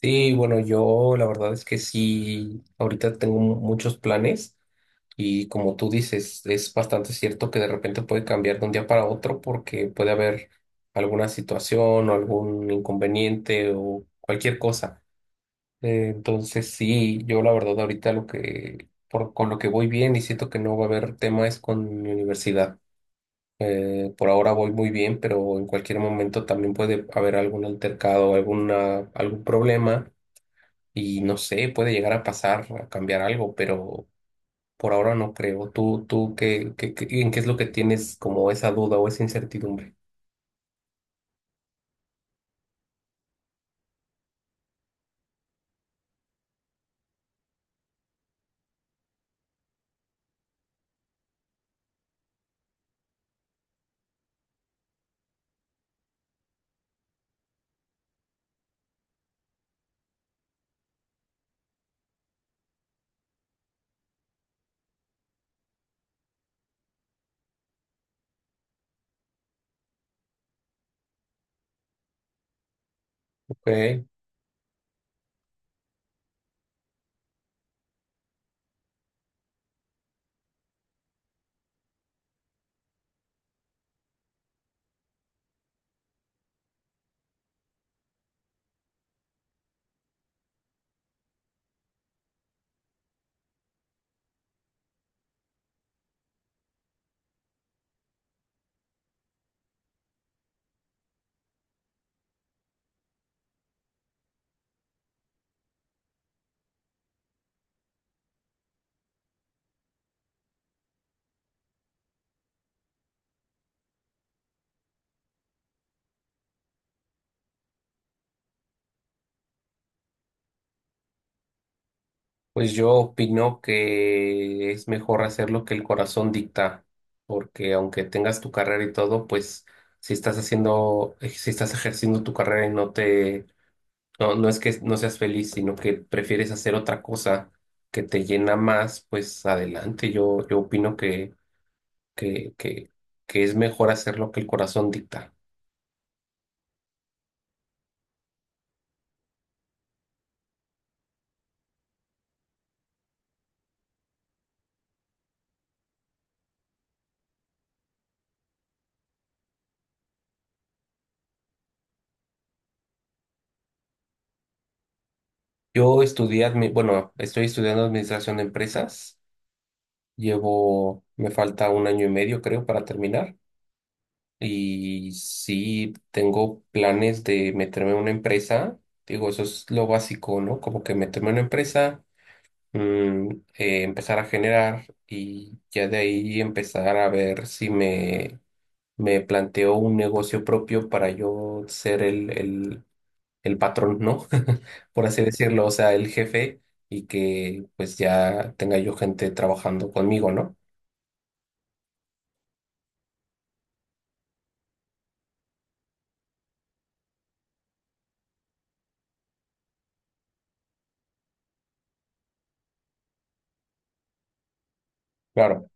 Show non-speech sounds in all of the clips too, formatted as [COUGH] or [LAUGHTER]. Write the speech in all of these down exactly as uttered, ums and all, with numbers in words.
Sí, bueno, yo la verdad es que sí, ahorita tengo mu- muchos planes y como tú dices, es bastante cierto que de repente puede cambiar de un día para otro porque puede haber alguna situación o algún inconveniente o cualquier cosa. Eh, entonces sí, yo la verdad ahorita lo que, por, con lo que voy bien y siento que no va a haber tema es con mi universidad. Eh, por ahora voy muy bien, pero en cualquier momento también puede haber algún altercado, alguna, algún problema y no sé, puede llegar a pasar, a cambiar algo, pero por ahora no creo. ¿Tú, tú qué, qué- qué- en qué es lo que tienes como esa duda o esa incertidumbre? Ok, pues yo opino que es mejor hacer lo que el corazón dicta, porque aunque tengas tu carrera y todo, pues si estás haciendo, eh, si estás ejerciendo tu carrera y no te, no, no es que no seas feliz, sino que prefieres hacer otra cosa que te llena más, pues adelante. Yo, yo opino que, que, que es mejor hacer lo que el corazón dicta. Yo estudié, admi- bueno, estoy estudiando administración de empresas. Llevo, me falta un año y medio, creo, para terminar. Y sí, tengo planes de meterme en una empresa. Digo, eso es lo básico, ¿no? Como que meterme en una empresa, mm, eh, empezar a generar y ya de ahí empezar a ver si me, me planteo un negocio propio para yo ser el, el el patrón, ¿no? [LAUGHS] Por así decirlo, o sea, el jefe y que pues ya tenga yo gente trabajando conmigo, ¿no? Claro,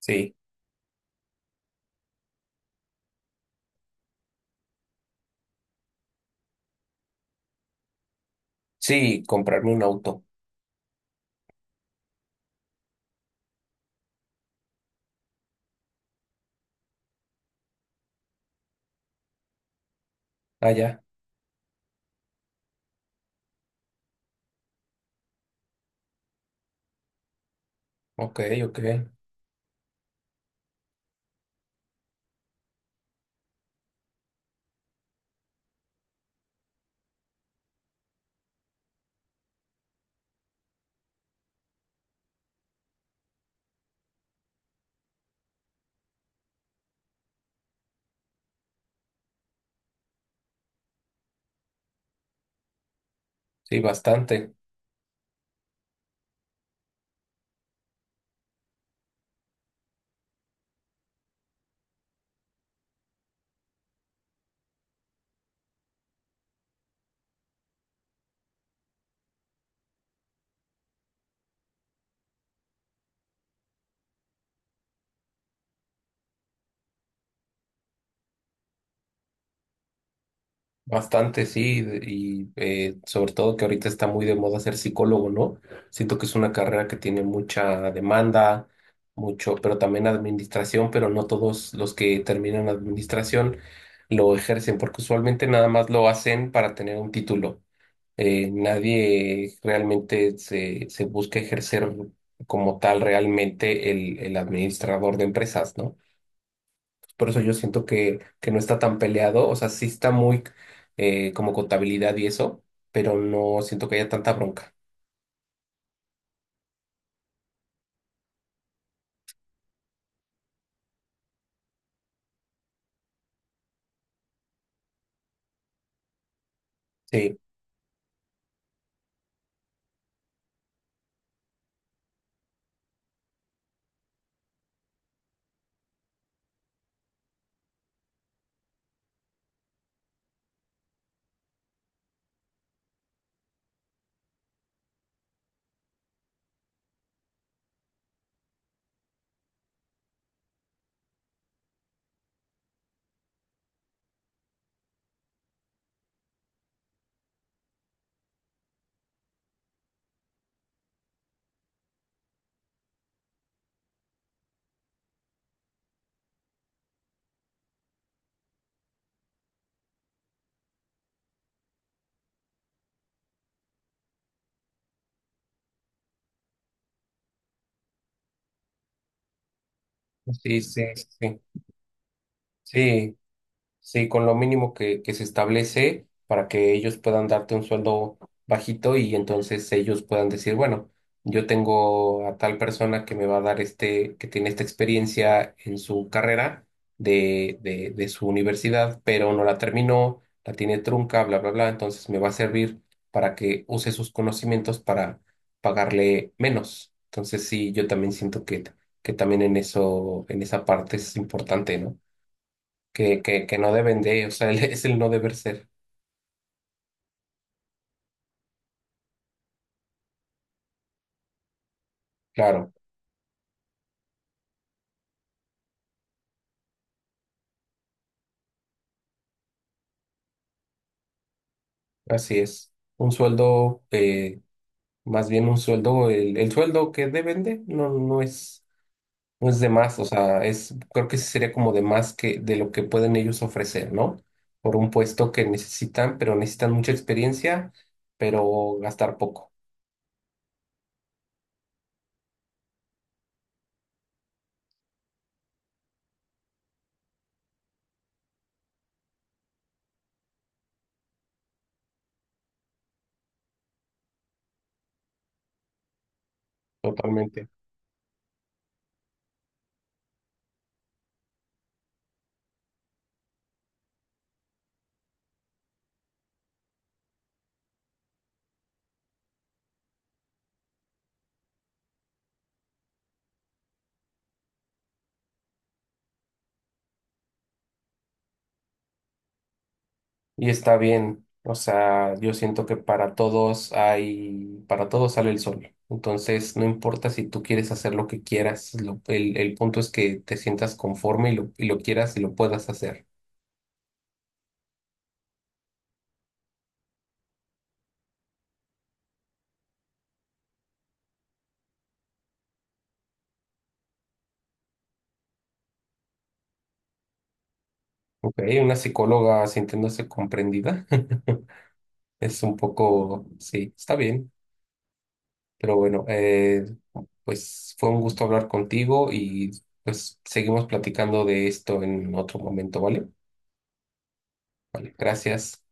sí, sí, comprarme un auto. Ah, ya, ok, ok, sí, bastante, bastante, sí, de- y eh, sobre todo que ahorita está muy de moda ser psicólogo, ¿no? Siento que es una carrera que tiene mucha demanda, mucho, pero también administración, pero no todos los que terminan administración lo ejercen, porque usualmente nada más lo hacen para tener un título. Eh, nadie realmente se, se busca ejercer como tal realmente el, el administrador de empresas, ¿no? Por eso yo siento que, que no está tan peleado, o sea, sí está muy eh, como contabilidad y eso, pero no siento que haya tanta bronca. Sí, sí, sí, sí, sí. Sí, con lo mínimo que, que se establece para que ellos puedan darte un sueldo bajito y entonces ellos puedan decir, bueno, yo tengo a tal persona que me va a dar este, que tiene esta experiencia en su carrera de, de, de su universidad, pero no la terminó, la tiene trunca, bla, bla, bla, entonces me va a servir para que use sus conocimientos para pagarle menos. Entonces sí, yo también siento que, que también en eso, en esa parte es importante, ¿no? que, que, que no deben de, o sea, [LAUGHS] el- es el no deber ser. Claro, así es. Un sueldo, eh, más bien un sueldo, el, el sueldo que deben de no, no es, no es de más, o sea, es, creo que sí sería como de más que de lo que pueden ellos ofrecer, ¿no? Por un puesto que necesitan, pero necesitan mucha experiencia, pero gastar poco. Totalmente. Y está bien, o sea, yo siento que para todos hay, para todos sale el sol. Entonces, no importa si tú quieres hacer lo que quieras, lo- el, el punto es que te sientas conforme y lo, y lo quieras y lo puedas hacer. Ok, una psicóloga sintiéndose comprendida [LAUGHS] es un poco, sí, está bien, pero bueno, eh, pues fue un gusto hablar contigo y pues seguimos platicando de esto en otro momento, ¿vale? Vale, gracias.